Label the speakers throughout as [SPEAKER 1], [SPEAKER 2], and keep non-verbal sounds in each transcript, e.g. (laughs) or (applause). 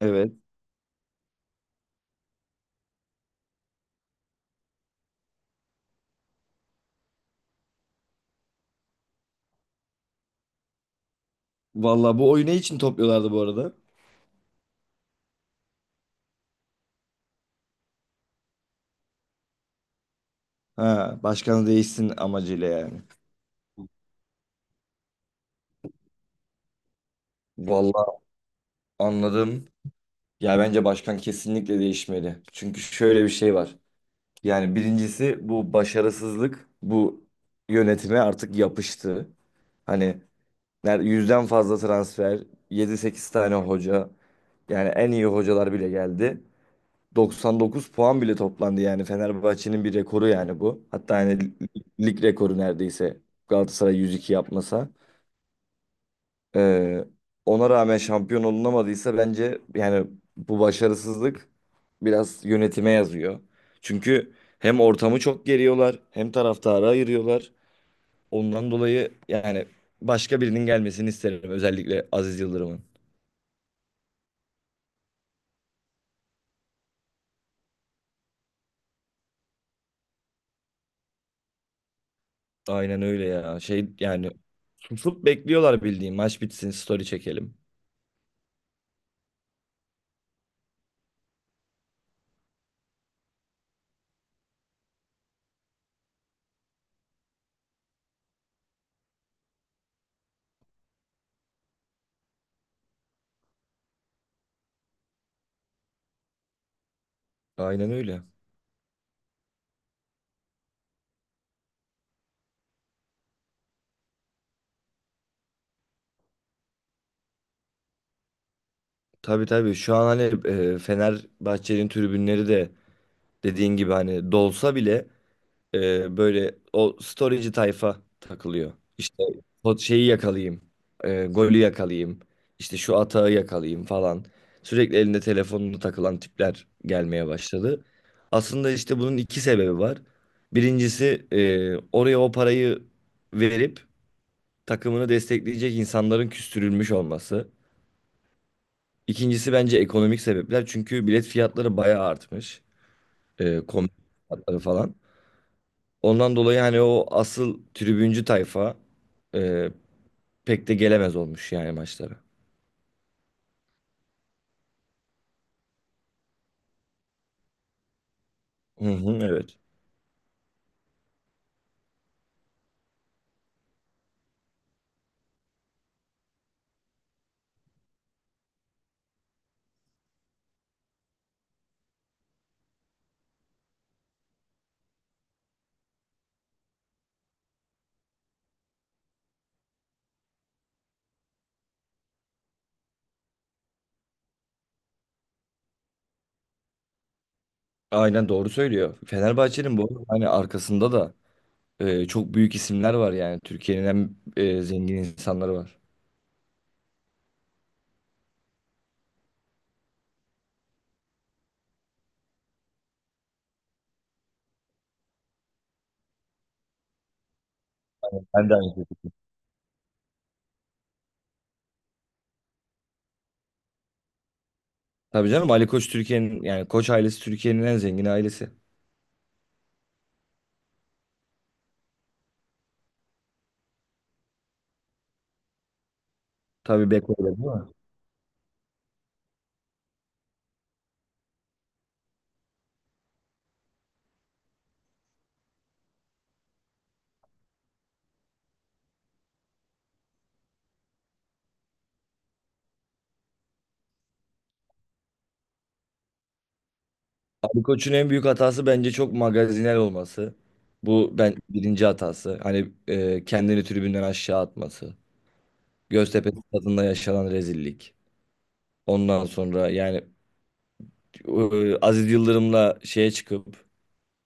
[SPEAKER 1] Evet. Vallahi bu oyunu için topluyorlardı bu arada. Ha, başkanı değişsin amacıyla yani. Vallahi anladım. Ya bence başkan kesinlikle değişmeli. Çünkü şöyle bir şey var. Yani birincisi bu başarısızlık bu yönetime artık yapıştı. Hani 100'den fazla transfer, yedi sekiz tane hoca. Yani en iyi hocalar bile geldi. 99 puan bile toplandı yani Fenerbahçe'nin bir rekoru yani bu. Hatta yani lig rekoru neredeyse Galatasaray 102 yapmasa. Ee, Ona rağmen şampiyon olunamadıysa bence yani bu başarısızlık biraz yönetime yazıyor. Çünkü hem ortamı çok geriyorlar hem taraftarı ayırıyorlar. Ondan dolayı yani başka birinin gelmesini isterim, özellikle Aziz Yıldırım'ın. Aynen öyle ya. Şey yani susup bekliyorlar, bildiğin maç bitsin story çekelim. Aynen öyle. Tabii tabii, şu an hani Fenerbahçe'nin tribünleri de dediğin gibi hani dolsa bile böyle o storyci tayfa takılıyor. İşte o şeyi yakalayayım, golü yakalayayım, işte şu atağı yakalayayım falan. Sürekli elinde telefonunu takılan tipler gelmeye başladı. Aslında işte bunun iki sebebi var. Birincisi oraya o parayı verip takımını destekleyecek insanların küstürülmüş olması. İkincisi bence ekonomik sebepler. Çünkü bilet fiyatları bayağı artmış. Kombi fiyatları falan. Ondan dolayı hani o asıl tribüncü tayfa e, pek de gelemez olmuş yani maçlara. Hı hı, evet. Aynen, doğru söylüyor. Fenerbahçe'nin bu arada hani arkasında da çok büyük isimler var yani. Türkiye'nin en zengin insanları var. Ben de aynı şekilde. Tabii canım, Ali Koç Türkiye'nin yani Koç ailesi Türkiye'nin en zengin ailesi. Tabii Beko, öyle değil mi? Ali Koç'un en büyük hatası bence çok magazinel olması. Bu ben birinci hatası. Hani kendini tribünden aşağı atması. Göztepe stadında yaşanan rezillik. Ondan sonra yani Aziz Yıldırım'la şeye çıkıp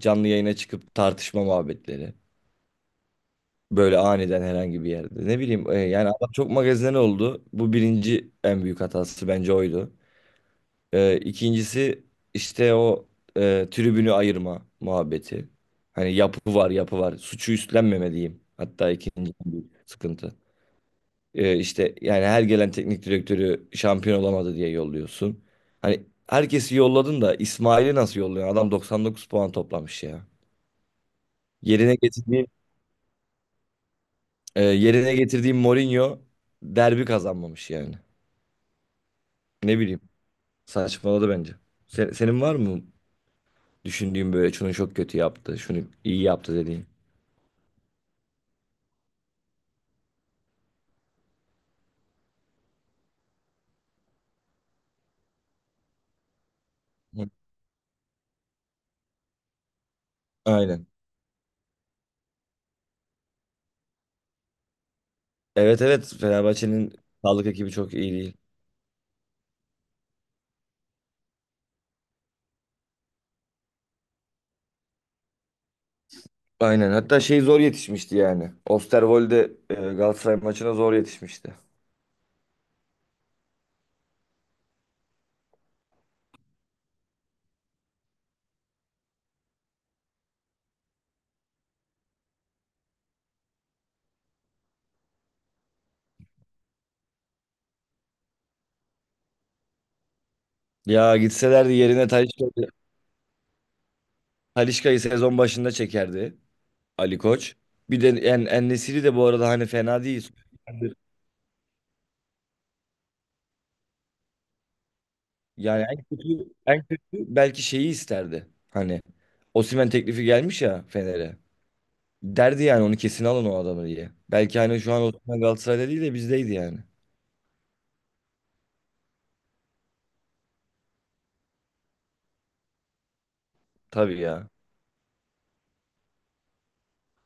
[SPEAKER 1] canlı yayına çıkıp tartışma muhabbetleri. Böyle aniden herhangi bir yerde. Ne bileyim yani adam çok magazinel oldu. Bu birinci en büyük hatası bence oydu. İkincisi işte o tribünü ayırma muhabbeti. Hani yapı var yapı var. Suçu üstlenmemeliyim. Hatta ikinci en büyük sıkıntı. İşte yani her gelen teknik direktörü şampiyon olamadı diye yolluyorsun. Hani herkesi yolladın da İsmail'i nasıl yolluyorsun? Adam 99 puan toplamış ya. Yerine getirdiğim yerine getirdiğim Mourinho derbi kazanmamış yani. Ne bileyim, saçmaladı bence. Senin var mı düşündüğüm, böyle şunu çok kötü yaptı, şunu iyi yaptı dediğin? Hı. Aynen. Evet, evet, Fenerbahçe'nin sağlık ekibi çok iyi değil. Aynen, hatta şey zor yetişmişti yani. Osterwolde Galatasaray maçına zor yetişmişti. Ya gitselerdi yerine Talisca'yı sezon başında çekerdi Ali Koç. Bir de En-Nesyri de bu arada hani fena değil. Yani belki şeyi isterdi. Hani Osimhen teklifi gelmiş ya Fener'e. Derdi yani onu kesin alın o adamı diye. Belki hani şu an Osimhen Galatasaray'da değil de bizdeydi yani. Tabii ya.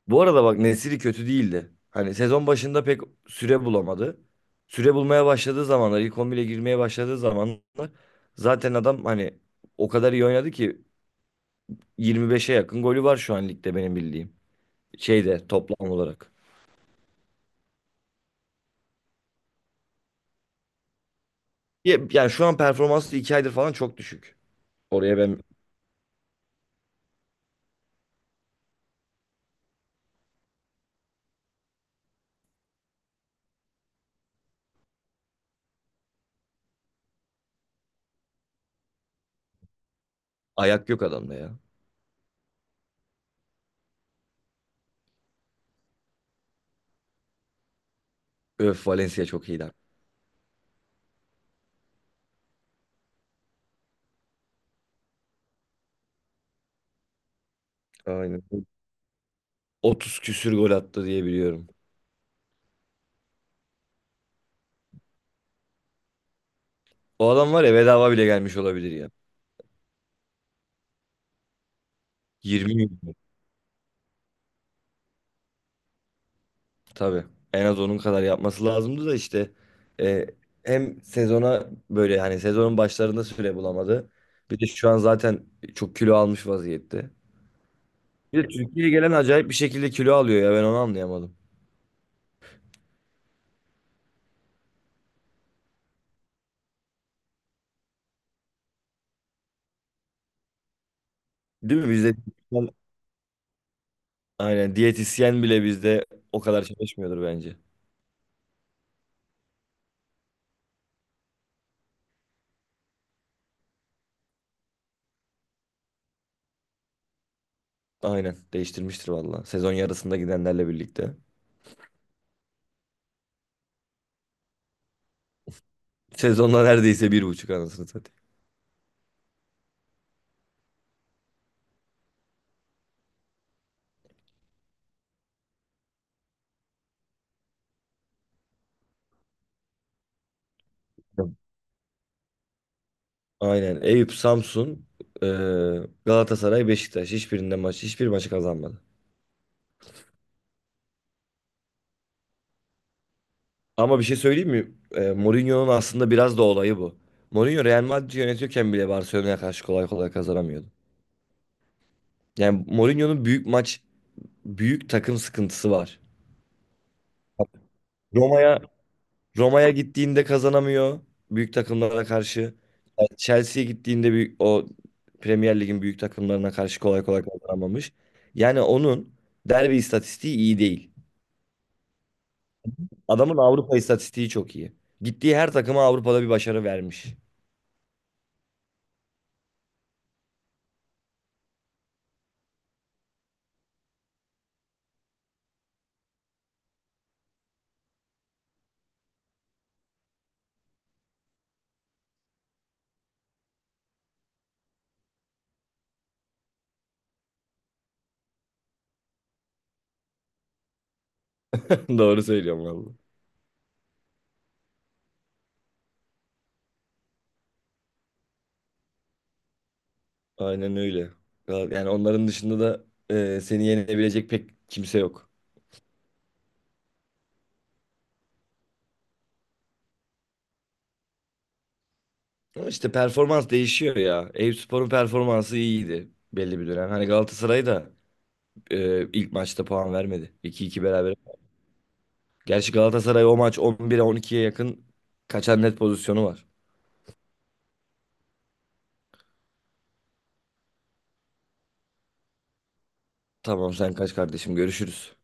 [SPEAKER 1] Bu arada bak, Nesiri kötü değildi. Hani sezon başında pek süre bulamadı. Süre bulmaya başladığı zamanlar, ilk 11'e girmeye başladığı zamanlar zaten adam hani o kadar iyi oynadı ki 25'e yakın golü var şu an ligde benim bildiğim. Şeyde, toplam olarak. Yani şu an performansı 2 aydır falan çok düşük. Oraya ben. Ayak yok adamda ya. Öf, Valencia çok iyiydi. Aynen. 30 küsür gol attı diye biliyorum. O adam var ya, bedava bile gelmiş olabilir ya. 20 milyon. Tabii. En az onun kadar yapması lazımdı da işte e, hem sezona böyle yani sezonun başlarında süre bulamadı. Bir de şu an zaten çok kilo almış vaziyette. Bir de Türkiye'ye gelen acayip bir şekilde kilo alıyor ya, ben onu anlayamadım. Değil mi? Bizde aynen diyetisyen bile bizde o kadar çalışmıyordur bence. Aynen değiştirmiştir valla. Sezon yarısında gidenlerle birlikte. Sezonda neredeyse bir buçuk, anasını satayım. Aynen. Eyüp, Samsun, e, Galatasaray, Beşiktaş. Hiçbirinde maç, hiçbir maçı kazanmadı. Ama bir şey söyleyeyim mi? Mourinho'nun aslında biraz da olayı bu. Mourinho Real Madrid'i yönetiyorken bile Barcelona'ya karşı kolay kolay kazanamıyordu. Yani Mourinho'nun büyük maç, büyük takım sıkıntısı var. Roma'ya Roma'ya gittiğinde kazanamıyor büyük takımlara karşı. Yani Chelsea'ye gittiğinde büyük, o Premier Lig'in büyük takımlarına karşı kolay kolay kazanamamış. Yani onun derbi istatistiği iyi değil. Adamın Avrupa istatistiği çok iyi. Gittiği her takıma Avrupa'da bir başarı vermiş. (laughs) Doğru söylüyorum vallahi. Aynen öyle. Yani onların dışında da seni yenebilecek pek kimse yok. Ama işte performans değişiyor ya. Eyüpspor'un performansı iyiydi belli bir dönem. Hani Galatasaray da ilk maçta puan vermedi. 2 iki beraber. Gerçi Galatasaray o maç 11'e 12'ye yakın kaçan net pozisyonu var. Tamam, sen kaç kardeşim, görüşürüz.